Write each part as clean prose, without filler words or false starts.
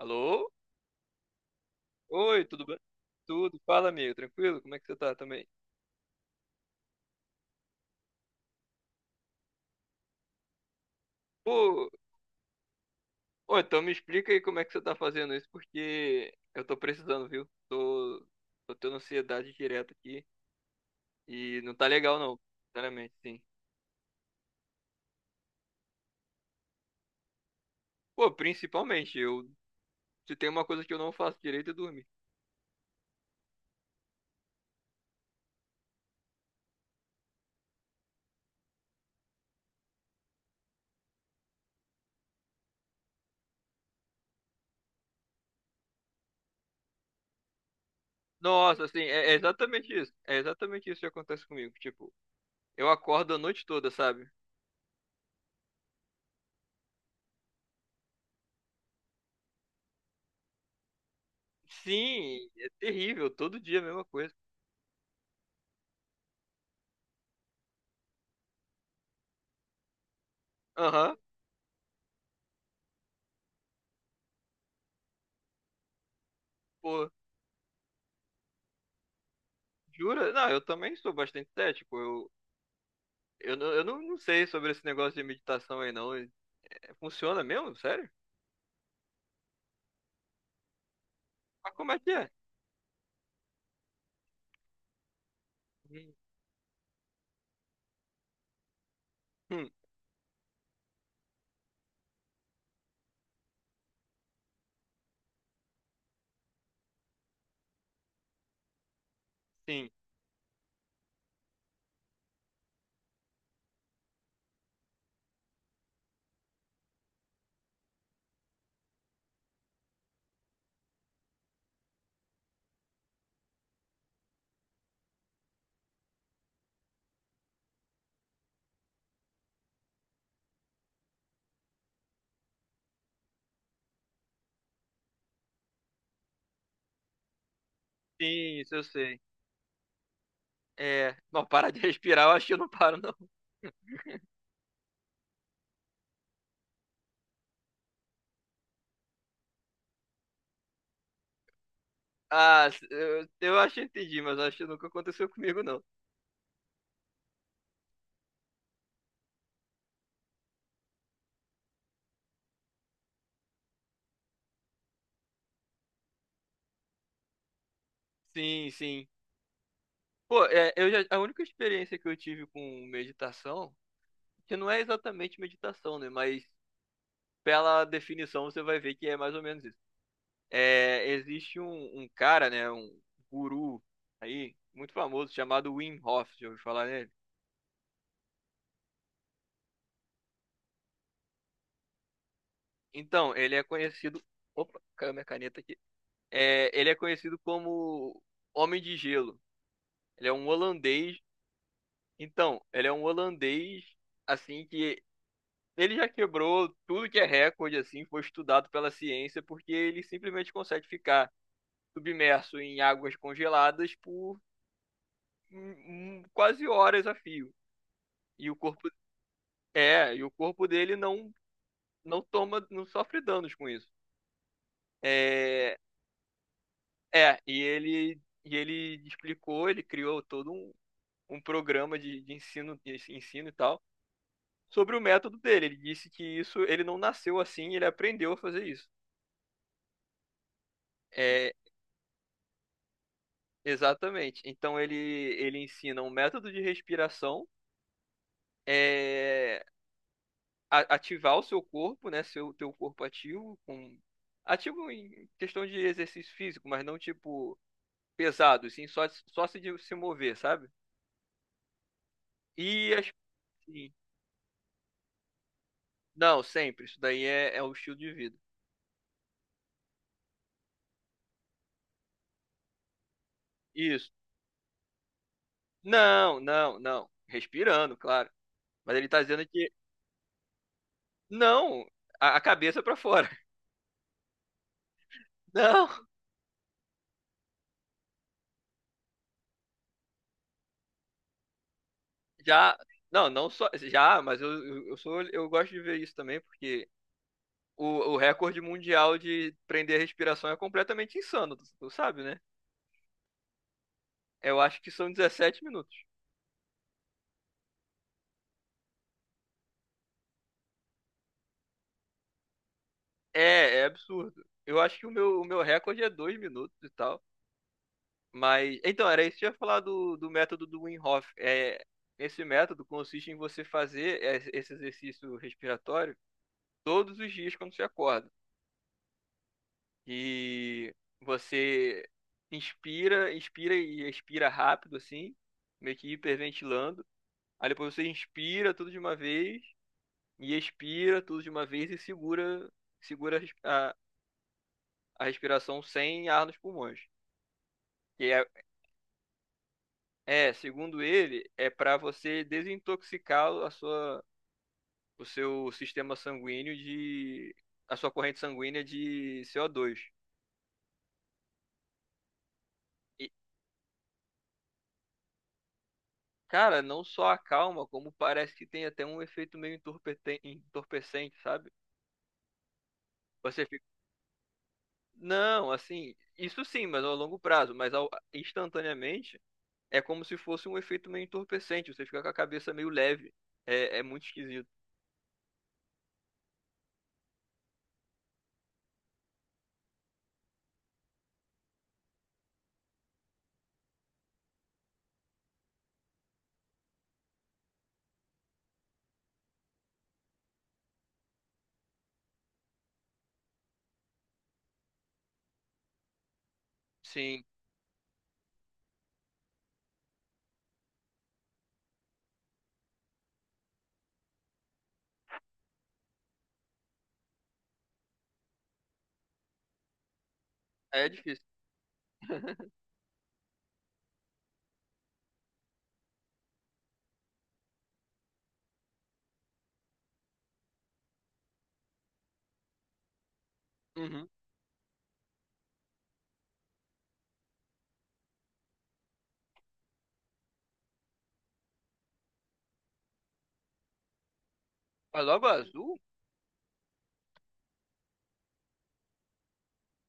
Alô? Oi, tudo bem? Tudo. Fala, amigo, tranquilo? Como é que você tá também? Pô, ô, então me explica aí como é que você tá fazendo isso, porque eu tô precisando, viu? Tô tendo ansiedade direta aqui e não tá legal não, sinceramente, sim. Pô, principalmente, eu se tem uma coisa que eu não faço direito é dormir. Nossa, assim, é exatamente isso. É exatamente isso que acontece comigo. Tipo, eu acordo a noite toda, sabe? Sim, é terrível, todo dia a mesma coisa. Aham, pô. Jura? Não, eu também sou bastante cético. Não, eu não, não sei sobre esse negócio de meditação aí, não. Funciona mesmo? Sério? Mas como é que é? Hum, hum, sim, sim, isso eu sei. É, não, para de respirar, eu acho que eu não paro, não. Ah, eu acho que entendi, mas acho que nunca aconteceu comigo, não. Sim, sim. Pô, é, a única experiência que eu tive com meditação, que não é exatamente meditação, né? Mas pela definição você vai ver que é mais ou menos isso. É, existe um cara, né, um guru aí, muito famoso, chamado Wim Hof, já ouviu falar nele? Então, ele é conhecido. Opa, caiu minha caneta aqui. É, ele é conhecido como Homem de Gelo. Ele é um holandês. Então, ele é um holandês, assim, que ele já quebrou tudo que é recorde, assim, foi estudado pela ciência, porque ele simplesmente consegue ficar submerso em águas congeladas por hum, quase horas a fio. E o corpo É, e o corpo dele não toma, não sofre danos com isso. É, e ele explicou, ele criou todo um programa de ensino e tal sobre o método dele. Ele disse que isso ele não nasceu assim, ele aprendeu a fazer isso. É, exatamente. Então ele ensina um método de respiração, é, ativar o seu corpo, né, seu teu corpo ativo com ativo em questão de exercício físico, mas não tipo pesado, assim, só se mover, sabe? E as. Sim. Não, sempre. Isso daí é, é o estilo de vida. Isso. Não, não, não. Respirando, claro. Mas ele tá dizendo que. Não! A cabeça pra fora. Não! Já. Não, não só. Já, mas eu sou, eu gosto de ver isso também, porque o, o recorde mundial de prender a respiração é completamente insano, tu sabe, né? Eu acho que são 17 minutos. É, é absurdo. Eu acho que o meu recorde é 2 minutos e tal. Mas, então, era isso que eu ia falar do método do Wim Hof. É, esse método consiste em você fazer esse exercício respiratório todos os dias quando você acorda. E você inspira, inspira e expira rápido, assim, meio que hiperventilando. Aí depois você inspira tudo de uma vez e expira tudo de uma vez e segura, segura a respiração sem ar nos pulmões. Que é, segundo ele, é para você desintoxicar a sua o seu sistema sanguíneo de. A sua corrente sanguínea de CO2. E, cara, não só acalma, como parece que tem até um efeito meio entorpecente, sabe? Você fica. Não, assim, isso sim, mas a longo prazo, mas instantaneamente é como se fosse um efeito meio entorpecente, você fica com a cabeça meio leve. É, é muito esquisito. Sim, é difícil. Uhum. Mas logo azul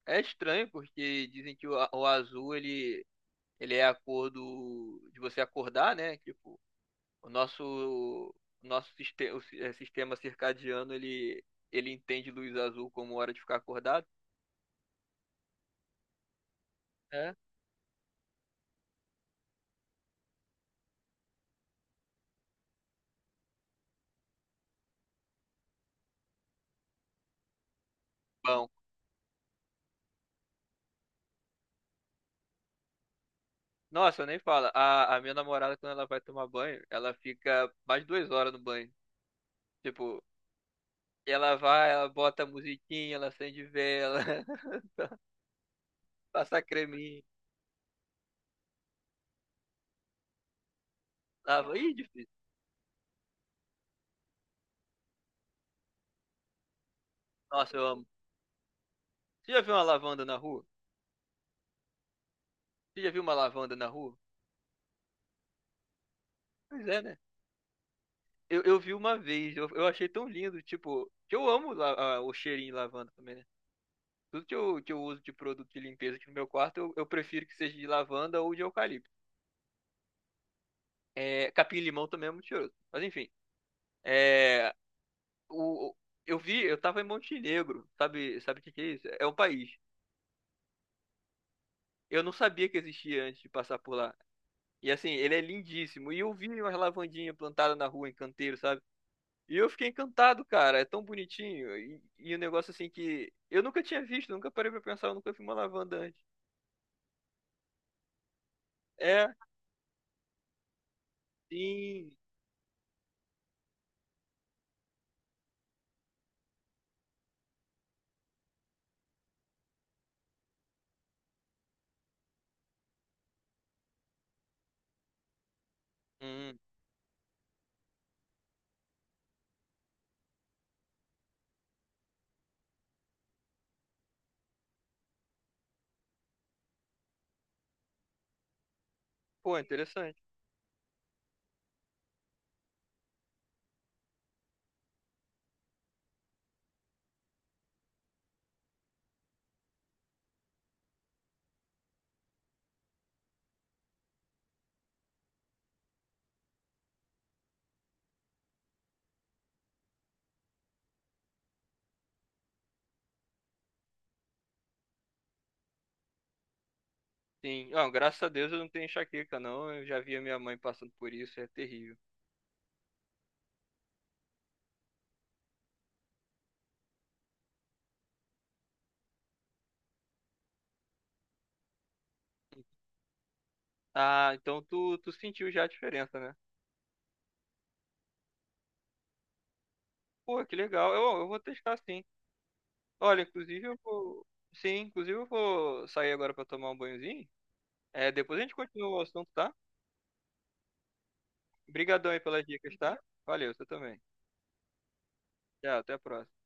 é estranho, porque dizem que o azul ele é acordo de você acordar, né? Tipo, o nosso o nosso sistema, sistema circadiano ele entende luz azul como hora de ficar acordado. É. Bom, nossa, eu nem fala. A minha namorada quando ela vai tomar banho, ela fica mais de 2 horas no banho. Tipo, ela vai, ela bota a musiquinha, ela acende vela, passa creminho, lava. Ih, difícil. Nossa, eu amo. Você já viu uma lavanda na rua? Você já viu uma lavanda na rua? Pois é, né? Eu vi uma vez, eu achei tão lindo, tipo, que eu amo o cheirinho de lavanda também, né? Tudo que eu uso de produto de limpeza aqui no meu quarto, eu prefiro que seja de lavanda ou de eucalipto. É, capim-limão também é muito cheiroso. Mas enfim, é, o, o- eu vi, eu tava em Montenegro, sabe, sabe o que que é isso? É um país. Eu não sabia que existia antes de passar por lá. E assim, ele é lindíssimo. E eu vi umas lavandinhas plantadas na rua, em canteiro, sabe? E eu fiquei encantado, cara. É tão bonitinho. E um negócio assim que eu nunca tinha visto, nunca parei pra pensar, eu nunca vi uma lavanda antes. É, sim. Hum, pô, interessante. Sim. Ah, graças a Deus eu não tenho enxaqueca, não. Eu já vi a minha mãe passando por isso, é terrível. Ah, então tu sentiu já a diferença, né? Pô, que legal. Eu vou testar sim. Olha, inclusive eu vou. Sim, inclusive eu vou sair agora pra tomar um banhozinho. É, depois a gente continua o assunto, tá? Obrigadão aí pelas dicas, tá? Valeu, você também. Tchau, até a próxima.